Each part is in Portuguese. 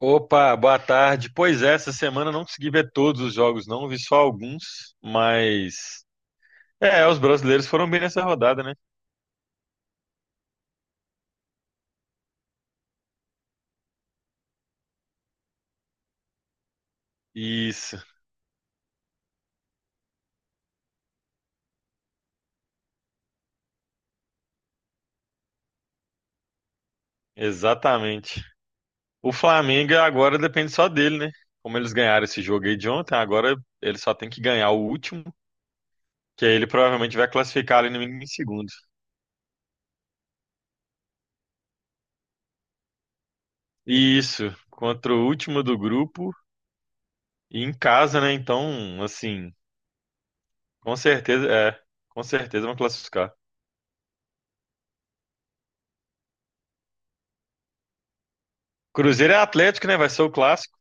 Opa, boa tarde. Pois é, essa semana eu não consegui ver todos os jogos, não, vi só alguns, mas os brasileiros foram bem nessa rodada, né? Isso, exatamente. O Flamengo agora depende só dele, né? Como eles ganharam esse jogo aí de ontem, agora ele só tem que ganhar o último, que aí ele provavelmente vai classificar ali no mínimo em segundo. Isso, contra o último do grupo e em casa, né? Então, assim, com certeza, é, com certeza vão classificar. Cruzeiro é Atlético, né? Vai ser o clássico.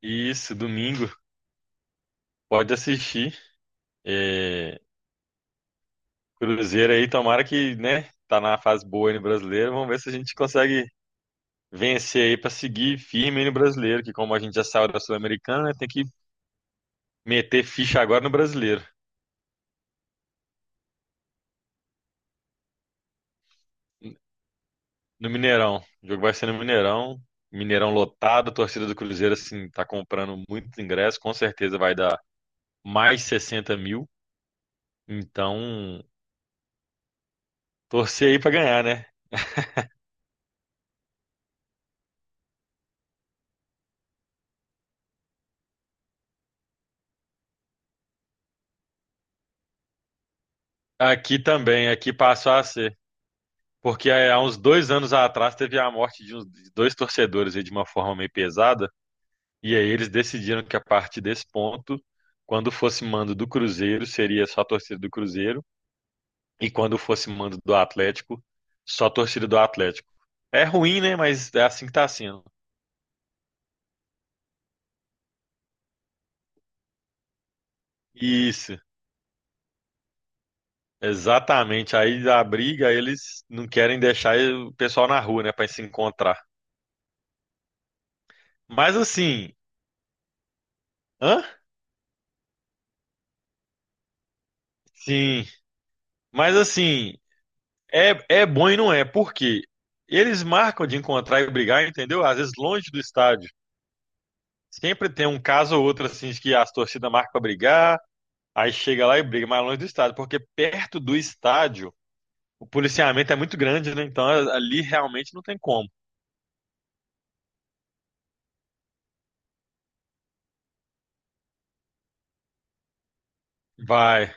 Isso, domingo. Pode assistir. É, Cruzeiro aí, tomara que, né, tá na fase boa aí no brasileiro. Vamos ver se a gente consegue vencer aí pra seguir firme aí no brasileiro, que como a gente já saiu da Sul-Americana, né, tem que meter ficha agora no brasileiro, no Mineirão. O jogo vai ser no Mineirão. Mineirão lotado, a torcida do Cruzeiro assim tá comprando muitos ingressos, com certeza vai dar mais 60 mil. Então, torcer aí pra ganhar, né? Aqui também, aqui passou a ser. Porque há uns 2 anos atrás teve a morte de dois torcedores aí de uma forma meio pesada. E aí eles decidiram que a partir desse ponto, quando fosse mando do Cruzeiro, seria só a torcida do Cruzeiro. E quando fosse mando do Atlético, só a torcida do Atlético. É ruim, né? Mas é assim que tá sendo. Isso, exatamente. Aí a briga, eles não querem deixar o pessoal na rua, né? Pra se encontrar. Mas assim. Hã? Sim. Mas assim, É, é bom e não é, porque eles marcam de encontrar e brigar, entendeu? Às vezes longe do estádio. Sempre tem um caso ou outro assim de que as torcidas marcam pra brigar, aí chega lá e briga, mas longe do estádio, porque perto do estádio o policiamento é muito grande, né? Então ali realmente não tem como. Vai.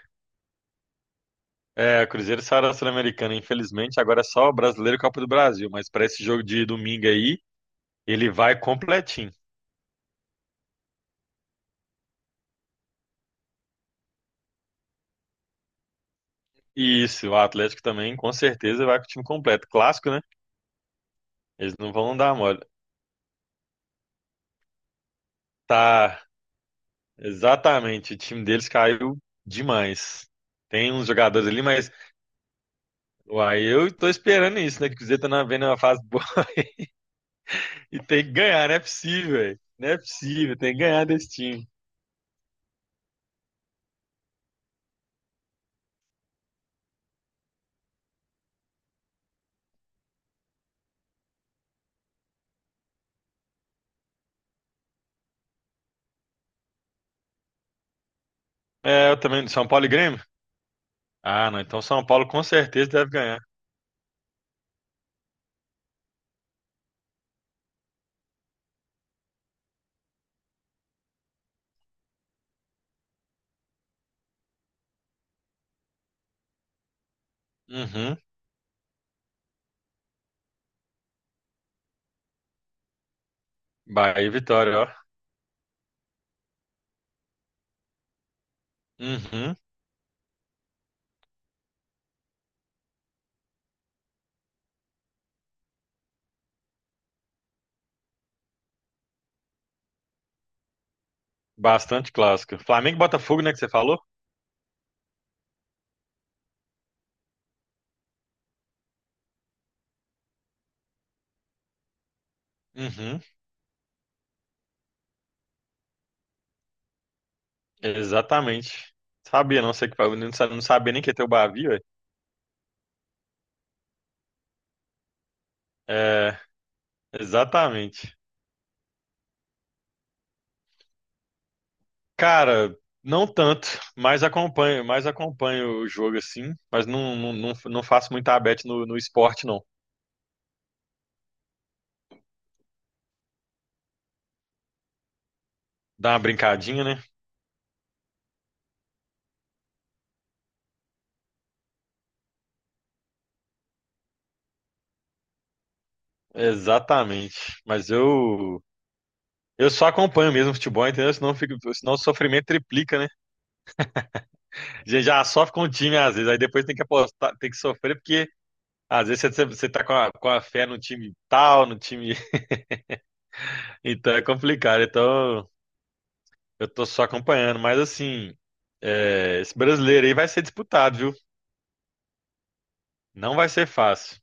Cruzeiro saiu da Sul-Americana, infelizmente, agora é só Brasileiro e Copa do Brasil, mas para esse jogo de domingo aí, ele vai completinho. Isso, o Atlético também, com certeza, vai com o time completo. Clássico, né? Eles não vão dar mole. Tá, exatamente. O time deles caiu demais. Tem uns jogadores ali, mas uai, eu tô esperando isso, né? Que o Cruzeiro vendo uma fase boa e tem que ganhar, não é possível, velho. Não é possível, tem que ganhar desse time. Eu também, do São Paulo e Grêmio? Ah, não, então São Paulo com certeza deve ganhar. Uhum, Bahia e Vitória, ó. Uhum, bastante clássico. Flamengo e Botafogo, né, que você falou? Uhum, exatamente. Sabia, não sei que não sabia nem que ia ter o Bavi, velho. É, exatamente. Cara, não tanto, mas acompanho o jogo assim, mas não, não, não, não faço muita bet no esporte, não. Dá uma brincadinha, né? Exatamente. Mas eu só acompanho mesmo futebol, entendeu? Senão o sofrimento triplica, né? Já, já sofre com o time às vezes, aí depois tem que apostar, tem que sofrer, porque às vezes você tá com a fé no time tal, no time. Então é complicado. Então eu tô só acompanhando, mas assim, esse brasileiro aí vai ser disputado, viu? Não vai ser fácil.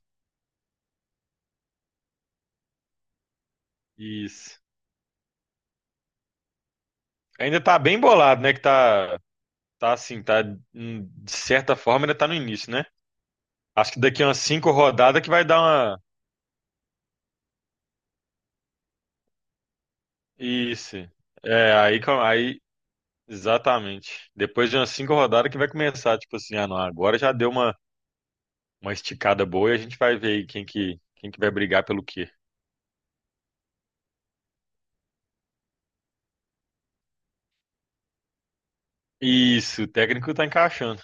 Isso. Ainda tá bem bolado, né? Que tá assim, tá de certa forma ainda tá no início, né? Acho que daqui umas cinco rodadas que vai dar uma. Isso. Aí, exatamente. Depois de umas cinco rodadas que vai começar, tipo assim, ah, não, agora já deu uma, esticada boa e a gente vai ver aí quem que vai brigar pelo quê. Isso, o técnico tá encaixando.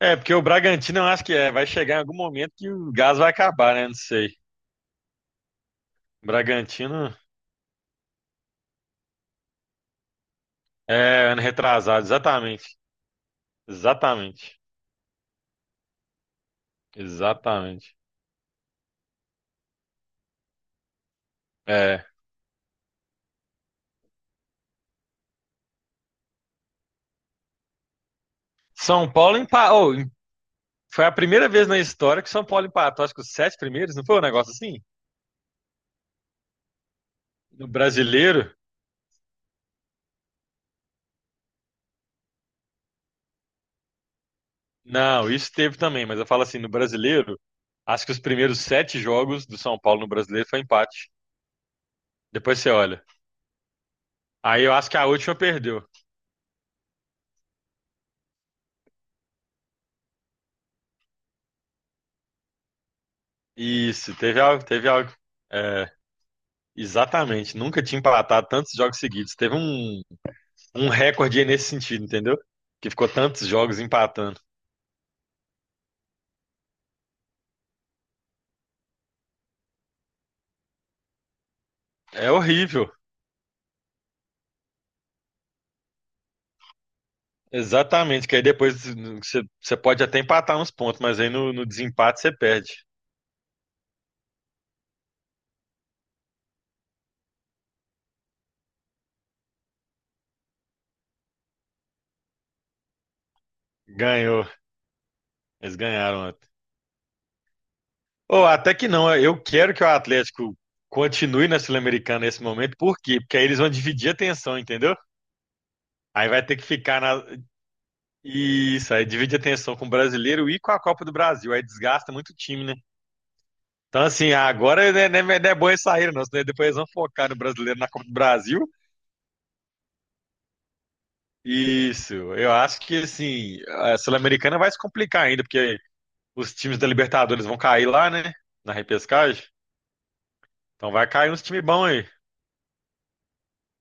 Porque o Bragantino eu acho que vai chegar em algum momento que o gás vai acabar, né? Não sei. Bragantino. Ano retrasado, exatamente. Exatamente. Exatamente. É. São Paulo empatou, foi a primeira vez na história que São Paulo empatou, acho que os sete primeiros, não foi um negócio assim? No brasileiro? Não, isso teve também, mas eu falo assim, no brasileiro, acho que os primeiros sete jogos do São Paulo no brasileiro foi empate. Depois você olha. Aí eu acho que a última perdeu. Isso, teve algo, teve algo. É, exatamente. Nunca tinha empatado tantos jogos seguidos. Teve um recorde nesse sentido, entendeu? Que ficou tantos jogos empatando. É horrível. Exatamente, que aí depois você pode até empatar uns pontos, mas aí no desempate você perde. Ganhou. Eles ganharam ontem. Ou até que não, eu quero que o Atlético continue na Sul-Americana nesse momento, por quê? Porque aí eles vão dividir a atenção, entendeu? Aí vai ter que ficar na. Isso, aí divide a atenção com o brasileiro e com a Copa do Brasil. Aí desgasta muito o time, né? Então, assim, agora não é bom eles saírem, não, senão depois eles vão focar no brasileiro na Copa do Brasil. Isso, eu acho que, assim, a Sul-Americana vai se complicar ainda, porque os times da Libertadores vão cair lá, né, na repescagem. Então vai cair uns times bons aí.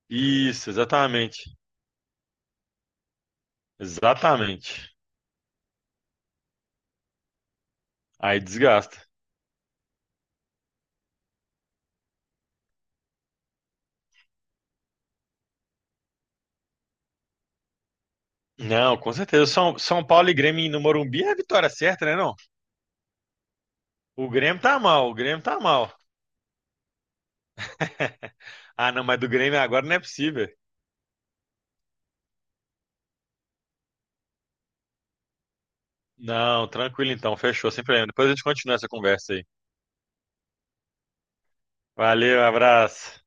Isso, exatamente. Exatamente. Aí desgasta. Não, com certeza. São Paulo e Grêmio no Morumbi é a vitória certa, né, não? O Grêmio tá mal, o Grêmio tá mal. Ah, não, mas do Grêmio agora não é possível. Não, tranquilo então, fechou, sem problema. Depois a gente continua essa conversa aí. Valeu, abraço.